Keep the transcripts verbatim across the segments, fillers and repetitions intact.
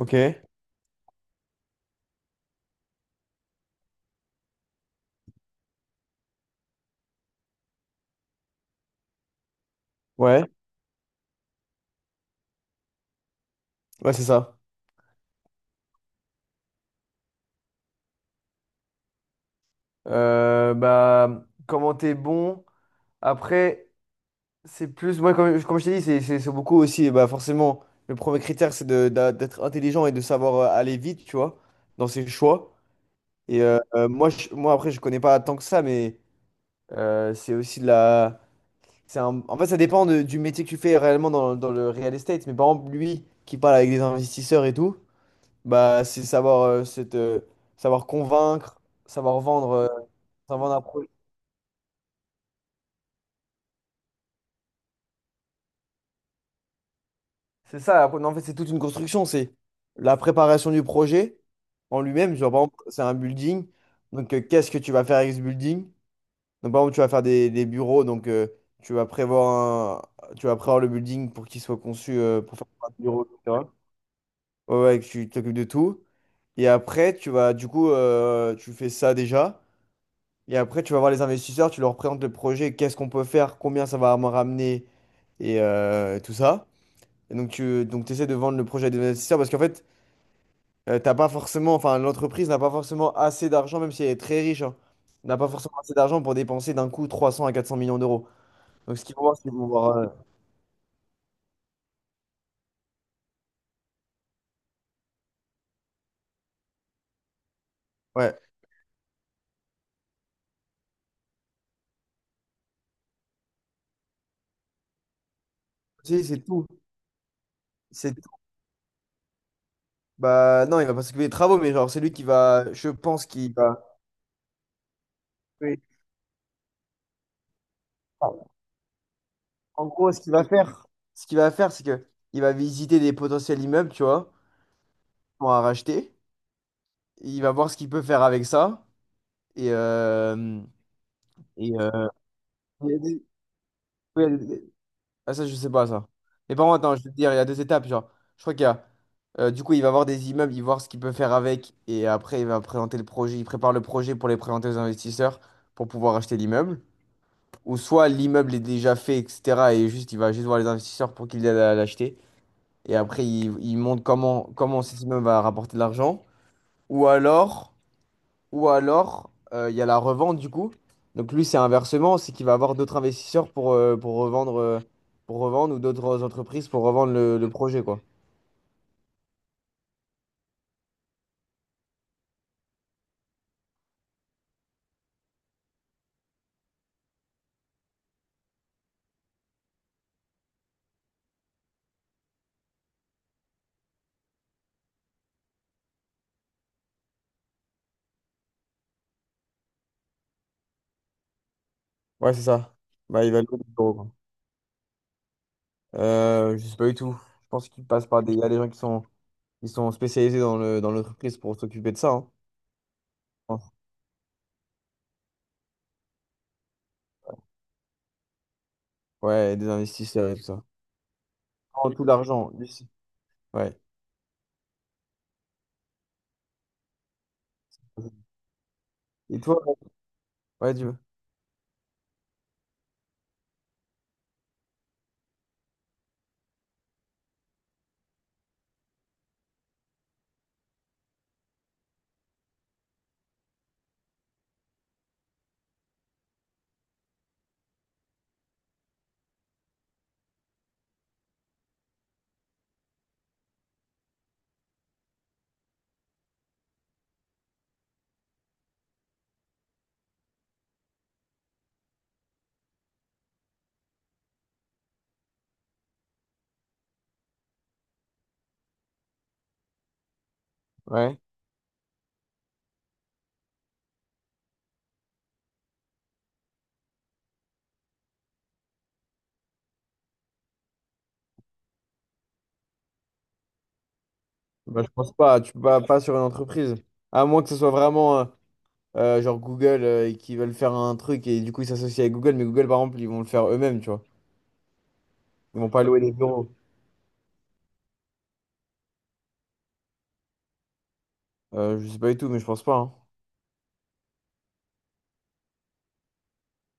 Ok, ouais, ouais, c'est ça. Euh, bah, comment t'es bon? Après, c'est plus, moi, comme, comme je t'ai dit, c'est c'est- c'est beaucoup aussi. Et bah, forcément, le premier critère, c'est de- d'a- d'être intelligent et de savoir euh, aller vite, tu vois, dans ses choix. Et euh, euh, moi, je- moi, après, je connais pas tant que ça, mais euh, c'est aussi de la. c'est un- En fait, ça dépend de- du métier que tu fais réellement dans, dans le real estate. Mais par exemple, lui qui parle avec des investisseurs et tout, bah, c'est savoir, euh, cette, euh, savoir convaincre, savoir vendre. euh, avant d'un pro- C'est ça, la pro- non, en fait, c'est toute une construction. C'est la préparation du projet en lui-même. Genre, par exemple, c'est un building. Donc, euh, qu'est-ce que tu vas faire avec ce building? Donc, par exemple, tu vas faire des, des bureaux. Donc, euh, tu vas prévoir un- tu vas prévoir le building pour qu'il soit conçu euh, pour faire un bureau, et cetera. Ouais, ouais, que tu t'occupes de tout. Et après, tu vas, du coup, euh, tu fais ça déjà. Et après, tu vas voir les investisseurs, tu leur présentes le projet, qu'est-ce qu'on peut faire, combien ça va me ramener et euh, tout ça. Et donc, tu donc, essaies de vendre le projet à des investisseurs parce qu'en fait, euh, t'as pas forcément, enfin, l'entreprise n'a pas forcément assez d'argent, même si elle est très riche, hein, n'a pas forcément assez d'argent pour dépenser d'un coup trois cents à quatre cents millions d'euros. Donc, ce qu'ils vont voir, c'est qu'ils vont voir. euh, ouais. Si, c'est tout. C'est tout. Bah, non, il va pas s'occuper des travaux, mais genre, c'est lui qui va, je pense qu'il va. Oui. En gros, ce qu'il va faire, ce qu'il va faire, c'est que il va visiter des potentiels immeubles, tu vois, pour en racheter. Il va voir ce qu'il peut faire avec ça. Et, euh, et euh, il y a des- oui. Ah, ça, je sais pas, ça. Mais par contre, attends, je vais te dire, il y a deux étapes. Genre, je crois qu'il y a. Euh, du coup, il va voir des immeubles, il va voir ce qu'il peut faire avec. Et après, il va présenter le projet. Il prépare le projet pour les présenter aux investisseurs pour pouvoir acheter l'immeuble. Ou soit l'immeuble est déjà fait, et cetera. Et juste, il va juste voir les investisseurs pour qu'ils l'aident à l'acheter. Et après, il, il montre comment, comment cet immeuble va rapporter de l'argent. Ou alors. Ou alors, euh, il y a la revente du coup. Donc lui, c'est inversement, c'est qu'il va avoir d'autres investisseurs pour, euh, pour revendre, euh, pour revendre ou d'autres entreprises pour revendre le, le projet, quoi. Ouais, c'est ça. Bah, il va louer des euros, quoi. Euh, je sais pas du tout. Je pense qu'il passe par des... Il y a des gens qui sont, qui sont spécialisés dans le, dans l'entreprise pour s'occuper de ça, hein, je pense. Ouais, et des investisseurs et tout ça. Prends tout l'argent, ici. Ouais. Et toi? Ouais, tu veux. Ouais. Bah, je pense pas. Tu peux pas, pas sur une entreprise. À moins que ce soit vraiment... euh, Euh, genre Google euh, et qui veulent faire un truc et du coup ils s'associent avec Google, mais Google par exemple ils vont le faire eux-mêmes, tu vois. Ils vont pas louer des bureaux. Euh, je sais pas du tout, mais je pense pas, hein.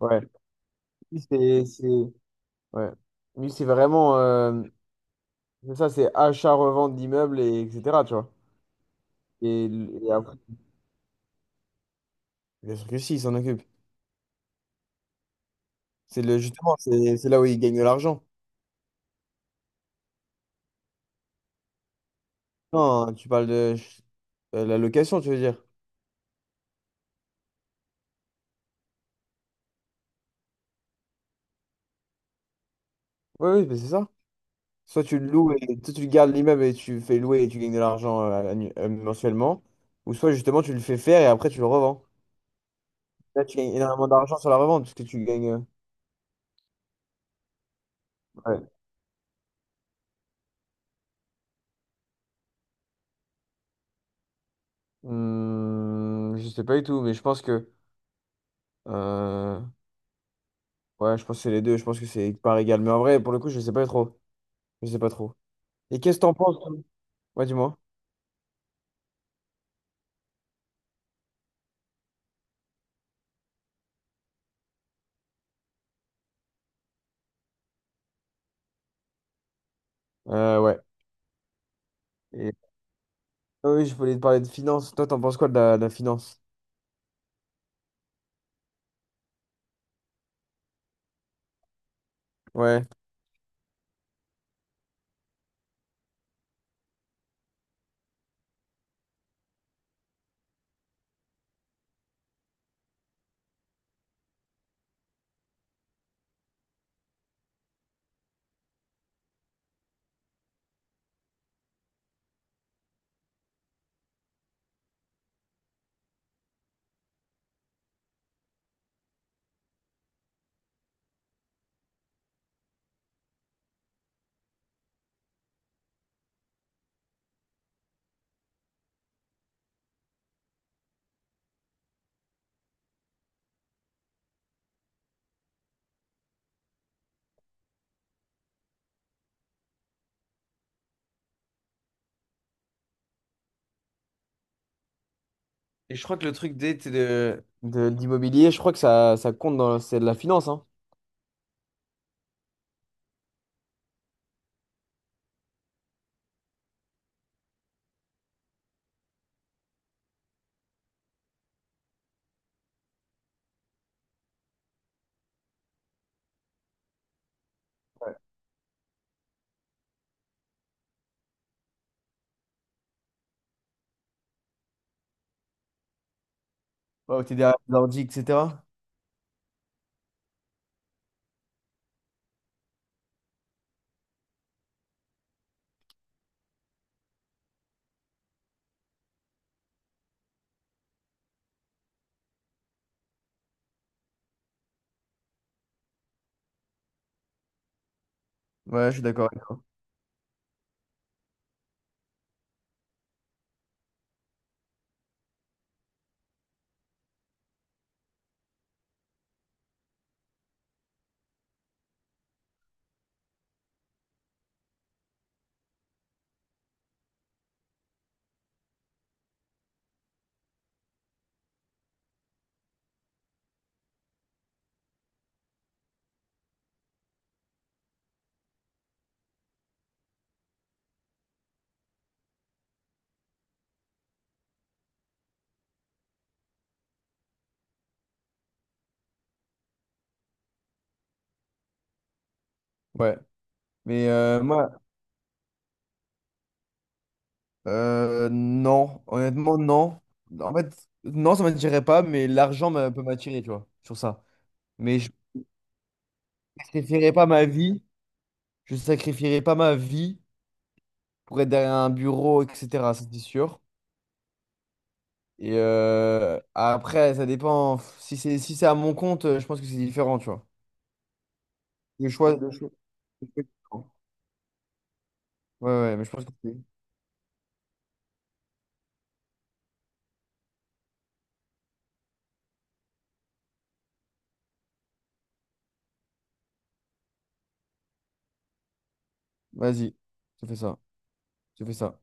Ouais. Lui, c'est c'est- ouais. Lui, c'est vraiment euh, c'est ça, c'est achat-revente d'immeubles et etc. Tu vois. Et, et après, Bien sûr que si, ils s'en occupent. C'est le justement, c'est c'est là où ils gagnent de l'argent. Non, tu parles de euh, la location, tu veux dire. Oui, oui, mais c'est ça. Soit tu le loues et soit tu gardes l'immeuble et tu fais louer et tu gagnes de l'argent euh, annu- euh, mensuellement. Ou soit justement tu le fais faire et après tu le revends. Là tu gagnes énormément d'argent sur la revente parce que tu gagnes. euh, Ouais. Hmm, je sais pas du tout, mais je pense que. Euh, Ouais, je pense que c'est les deux, je pense que c'est par égal. Mais en vrai, pour le coup, je sais pas trop. Je sais pas trop. Et qu'est-ce que t'en penses, toi? Ouais, dis-moi. Euh, ouais. Et... Ah oui, je voulais te parler de finance. Toi, t'en penses quoi de la, de la finance? Ouais. Et je crois que le truc des- t'es de, de, l'immobilier je crois que ça, ça compte dans c'est de la finance, hein. Ouais, où t'es derrière l'ordi, et cetera. Ouais, je suis d'accord avec toi. Ouais. Mais euh, moi, euh, non. Honnêtement, non. En fait, non, ça m'attirerait pas, mais l'argent m'a- peut m'attirer, tu vois, sur ça. Mais je sacrifierais pas ma vie. Je sacrifierais pas ma vie pour être derrière un bureau, et cetera. Ça, c'est sûr. Et euh, après, ça dépend. Si c'est si c'est à mon compte, je pense que c'est différent, tu vois. Le choix, le choix. le choix- Ouais, ouais, mais je pense que c'est. Vas-y, tu fais ça. Tu fais ça.